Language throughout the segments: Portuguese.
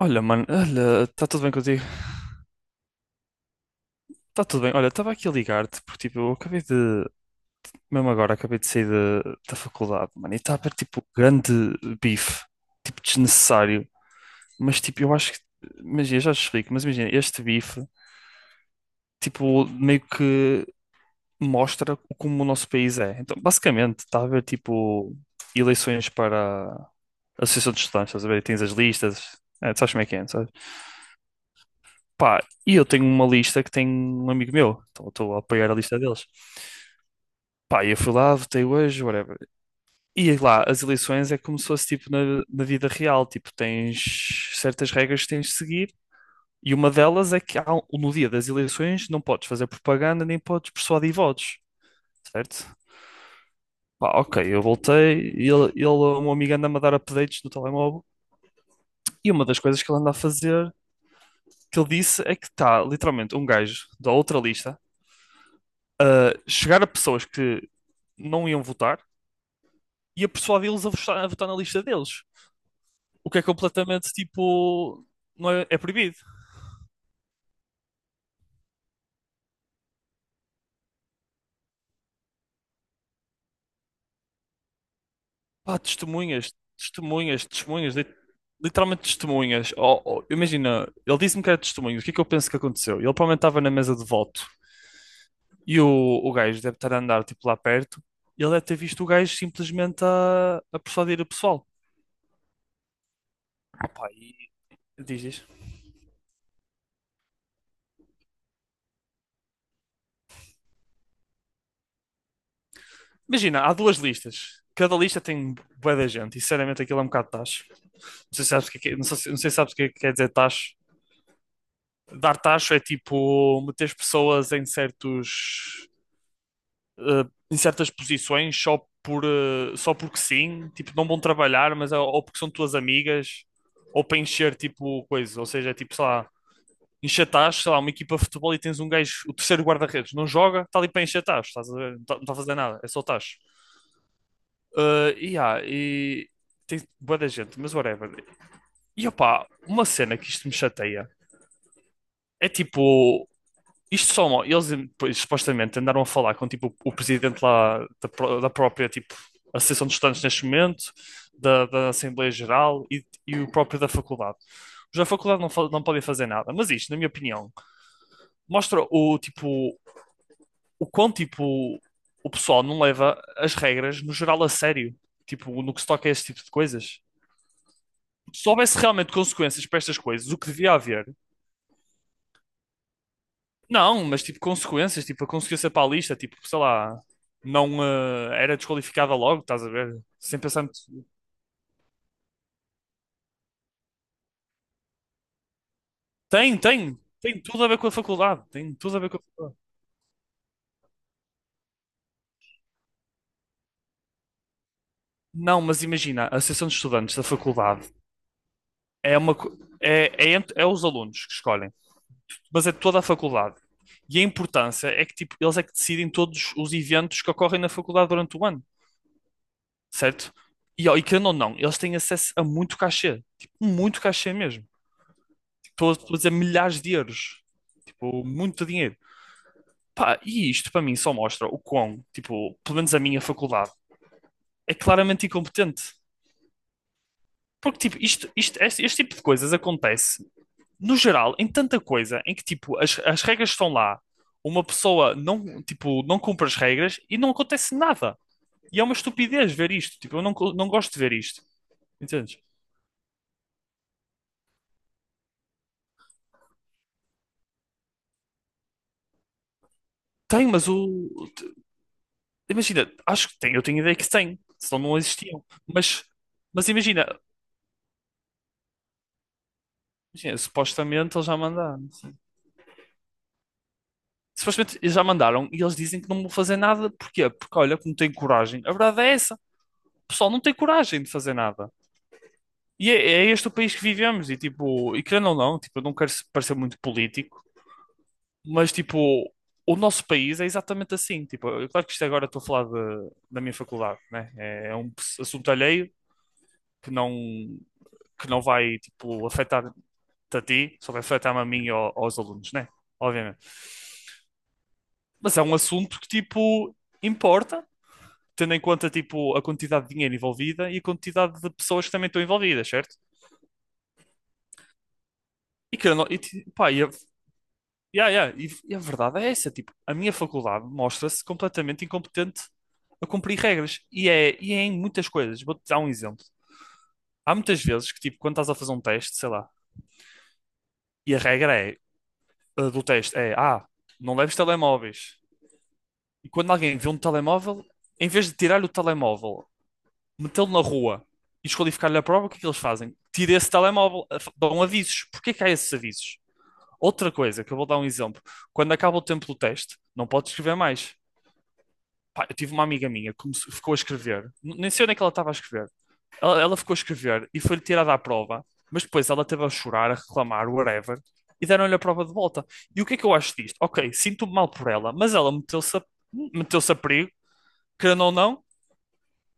Olha, mano, olha, está tudo bem contigo? Está tudo bem. Olha, estava aqui a ligar-te porque, tipo, mesmo agora, acabei de sair da faculdade, mano, e está a haver, tipo, grande bife, tipo, desnecessário. Mas, tipo, imagina, eu já te explico, mas imagina, este bife, tipo, meio que mostra como o nosso país é. Então, basicamente, está a haver, tipo, eleições para a Associação de Estudantes, estás a ver? E tens as listas, é, tu sabes como é que é, não sabes? Pá, e eu tenho uma lista que tem um amigo meu, então eu estou a apoiar a lista deles. Pá, e eu fui lá, votei hoje, whatever. E lá, as eleições é como se fosse tipo na vida real, tipo, tens certas regras que tens de seguir, e uma delas é que no dia das eleições não podes fazer propaganda nem podes persuadir votos, certo? Pá, ok, eu voltei, e o meu amigo anda-me a dar updates no telemóvel, e uma das coisas que ele anda a fazer, que ele disse, é que está literalmente um gajo da outra lista a chegar a pessoas que não iam votar e a persuadi-los a votar na lista deles. O que é completamente tipo. Não é, é proibido. Pá, testemunhas, testemunhas, testemunhas, literalmente testemunhas. Oh, oh, imagina, ele disse-me que era testemunhas, o que é que eu penso que aconteceu? Ele provavelmente estava na mesa de voto e o gajo deve estar a andar tipo lá perto e ele deve ter visto o gajo simplesmente a persuadir o pessoal. Opa, e diz, diz. Imagina, há duas listas. Cada lista tem bué da gente e sinceramente aquilo é um bocado tacho. Não sei se sabes o que- é- não sei, não sei se sabes o que é que quer dizer tacho. Dar tacho é tipo meter as pessoas em certos eh, em certas posições só por só porque sim, tipo não vão trabalhar, ou porque são tuas amigas ou para encher tipo coisa, ou seja, é tipo, sei lá, encher tacho, sei lá, uma equipa de futebol e tens um gajo, o terceiro guarda-redes, não joga, está ali para encher tacho, estás a ver? Não está a fazer nada, é só tacho. Yeah, e tem bué da gente, mas whatever. E opá, uma cena que isto me chateia é tipo, isto só eles pois, supostamente andaram a falar com tipo o presidente da própria tipo Associação de Estudantes neste momento, da Assembleia Geral e o próprio da faculdade. Os da faculdade não podem fazer nada, mas isto, na minha opinião, mostra o quão tipo o pessoal não leva as regras no geral a sério, tipo no que se toca a esse tipo de coisas. Se houvesse realmente consequências para estas coisas, o que devia haver? Não, mas tipo, consequências, tipo, a consequência para a lista, tipo, sei lá, não eh, era desqualificada logo, estás a ver? Sem pensar muito. Tem, tem, tem tudo a ver com a faculdade, tem tudo a ver com a faculdade. Não, mas imagina, a Associação de Estudantes da faculdade é uma co- é, é, ent- é os alunos que escolhem, mas é toda a faculdade. E a importância é que tipo, eles é que decidem todos os eventos que ocorrem na faculdade durante o ano. Certo? E, ó, e querendo ou não, eles têm acesso a muito cachê, tipo, muito cachê mesmo. Tipo, estou a dizer milhares de euros, tipo, muito dinheiro. Pá, e isto para mim só mostra o quão, tipo, pelo menos a minha faculdade, é claramente incompetente. Porque, tipo, este tipo de coisas acontece, no geral, em tanta coisa, em que, tipo, as regras estão lá, uma pessoa não, tipo, não cumpre as regras e não acontece nada. E é uma estupidez ver isto, tipo, eu não, co- não gosto de ver isto, entendes? Tem, mas o, Imagina, acho que tem, eu tenho ideia que tem, senão não existiam. Mas imagina, imagina, supostamente eles já mandaram. Supostamente eles já mandaram e eles dizem que não vão fazer nada. Porquê? Porque olha, que não tem coragem. A verdade é essa. O pessoal não tem coragem de fazer nada. É este o país que vivemos. E tipo, e querendo ou não, tipo, eu não quero parecer muito político, mas tipo, o nosso país é exatamente assim. Tipo, eu, claro que isto agora estou a da minha faculdade, né? É um assunto alheio que não que não vai tipo afetar a ti, só vai afetar-me a mim e aos alunos, né? Obviamente. Mas é um assunto que, tipo, importa, tendo em conta, tipo, a quantidade de dinheiro envolvida e a quantidade de pessoas que também estão envolvidas, certo? E que eu não, e, ti- pá, e a, yeah, yeah, e a verdade é essa, tipo, a minha faculdade mostra-se completamente incompetente a cumprir regras. E é em muitas coisas. Vou-te dar um exemplo. Há muitas vezes que, tipo, quando estás a fazer um teste, sei lá, e a regra é, eh, do teste é, ah, não leves telemóveis. E quando alguém vê um telemóvel, em vez de tirar-lhe o telemóvel, metê-lo na rua e desqualificar-lhe a prova, o que é que eles fazem? Tira esse telemóvel, dão avisos. Porquê que há esses avisos? Outra coisa, que eu vou dar um exemplo. Quando acaba o tempo do teste, não pode escrever mais. Pá, eu tive uma amiga minha que ficou a escrever, nem sei onde é que ela estava a escrever. Ela ficou a escrever e foi-lhe tirada a prova, mas depois ela esteve a chorar, a reclamar, whatever, e deram-lhe a prova de volta. E o que é que eu acho disto? Ok, sinto-me mal por ela, mas meteu-se a perigo, querendo ou não.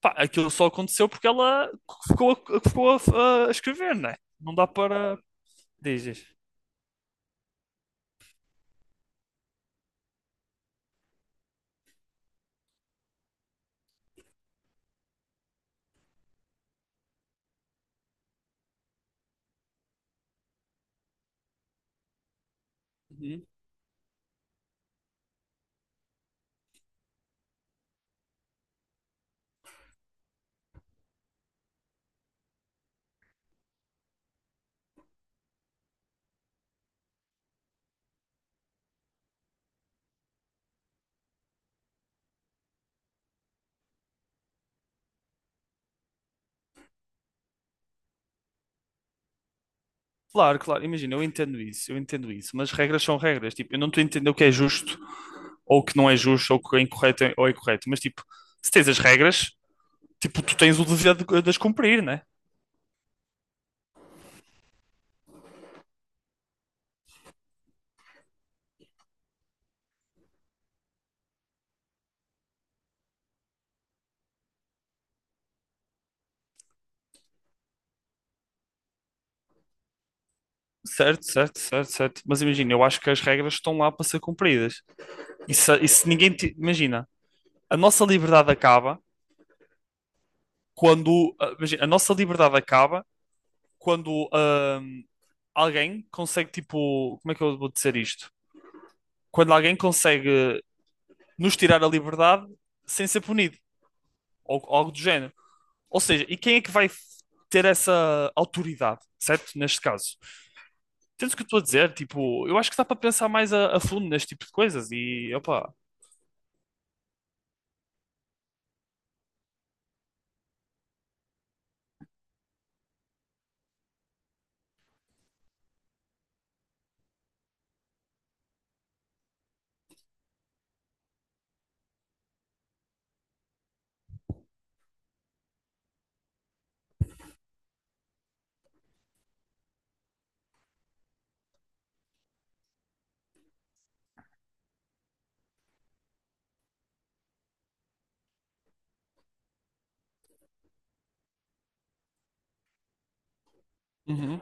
Pá, aquilo só aconteceu porque ela a escrever, né? Não dá para. Dizes. Uhum. Claro, claro, imagina, eu entendo isso, mas regras são regras. Tipo, eu não estou a entender o que é justo ou o que não é justo ou o que é incorreto ou é correto, mas tipo, se tens as regras, tipo, tu tens o dever de as cumprir, né? Certo, certo, certo, certo. Mas imagina, eu acho que as regras estão lá para ser cumpridas. E se ninguém. Ti- Imagina, a nossa liberdade acaba quando, imagina, a nossa liberdade acaba quando alguém consegue, tipo, como é que eu vou dizer isto? Quando alguém consegue nos tirar a liberdade sem ser punido, ou algo do género. Ou seja, e quem é que vai ter essa autoridade, certo? Neste caso. Entendes o que eu estou a dizer? Tipo, eu acho que dá para pensar mais a fundo neste tipo de coisas e, opa, uhum.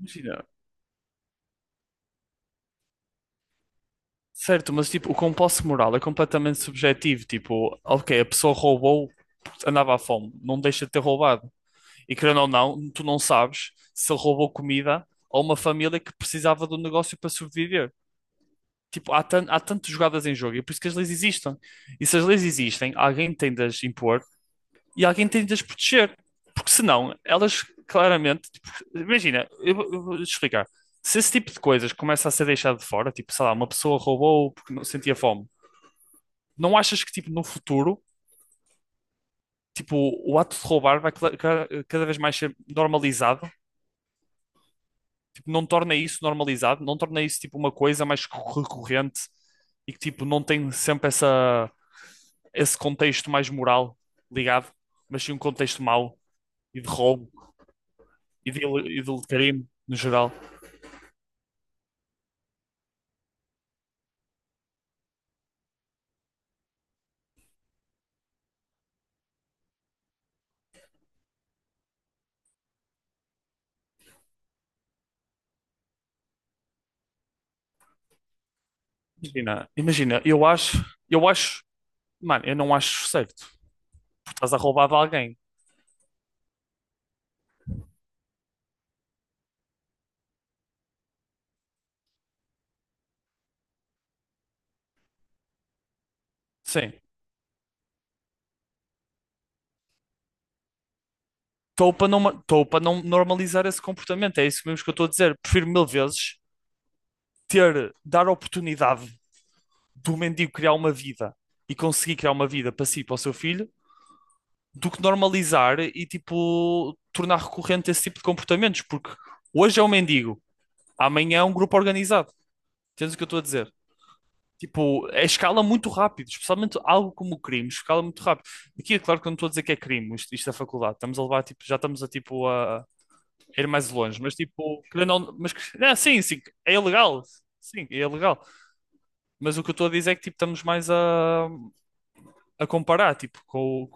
Imagina. Certo, mas tipo, o compasso moral é completamente subjetivo. Tipo, ok, a pessoa roubou porque andava à fome, não deixa de ter roubado. E querendo ou não, tu não sabes se ele roubou comida a uma família que precisava do negócio para sobreviver. Tipo, há tantas jogadas em jogo e é por isso que as leis existem. E se as leis existem, alguém tem de as impor e alguém tem de as proteger. Porque senão, elas claramente. Tipo, imagina, eu vou-te explicar. Se esse tipo de coisas começa a ser deixado de fora, tipo, sei lá, uma pessoa roubou porque não sentia fome, não achas que, tipo, no futuro, tipo, o ato de roubar vai cada vez mais ser normalizado? Tipo, não torna isso normalizado, não torna isso tipo uma coisa mais recorrente e que tipo não tem sempre essa esse contexto mais moral ligado, mas sim um contexto mau e de roubo e de crime no geral. Imagina, imagina, eu acho, mano, eu não acho certo, porque estás a roubar de alguém. Sim. Estou para não normalizar esse comportamento, é isso mesmo que eu estou a dizer. Prefiro mil vezes ter, dar oportunidade do mendigo criar uma vida e conseguir criar uma vida para si e para o seu filho, do que normalizar e tipo tornar recorrente esse tipo de comportamentos, porque hoje é um mendigo, amanhã é um grupo organizado. Entendes o que eu estou a dizer? Tipo, é escala muito rápido, especialmente algo como crimes, escala muito rápido. Aqui é claro que eu não estou a dizer que é crime, isto é faculdade, estamos a levar, tipo, já estamos , tipo, a ir mais longe, mas tipo, querendo ou não, mas, não, sim, sim, é ilegal, mas o que eu estou a dizer é que, tipo, estamos mais a comparar, tipo,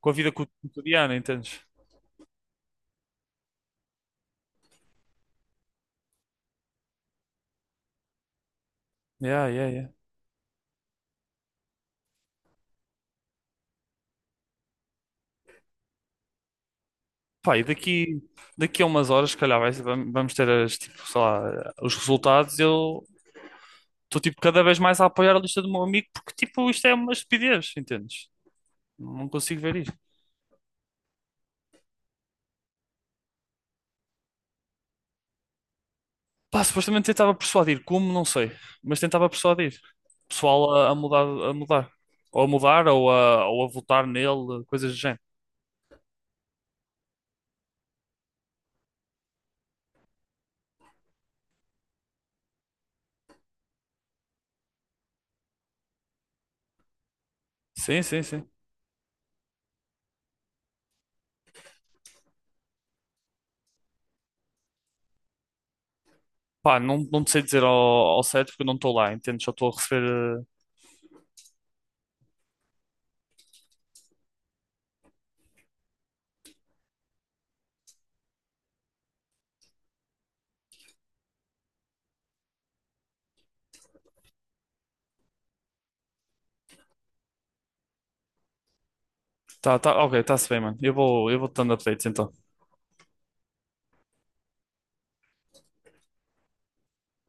com a vida cotidiana, entendes? Yeah, yeah, yeah. Pá, e daqui, daqui a umas horas, se calhar, vamos ter as, tipo, sei lá, os resultados. Eu estou, tipo, cada vez mais a apoiar a lista do meu amigo, porque, tipo, isto é uma estupidez, entendes? Não consigo ver isto. Pá, supostamente tentava persuadir, como, não sei, mas tentava persuadir o pessoal a mudar, a mudar. Ou a mudar, ou a votar nele, coisas do género. Sim, sim, sim. Pá, não, não te sei dizer ao certo porque eu não estou lá, entendo, só estou a receber. Tá, tá, ok, tá-se bem, mano. Eu vou-te dando updates então.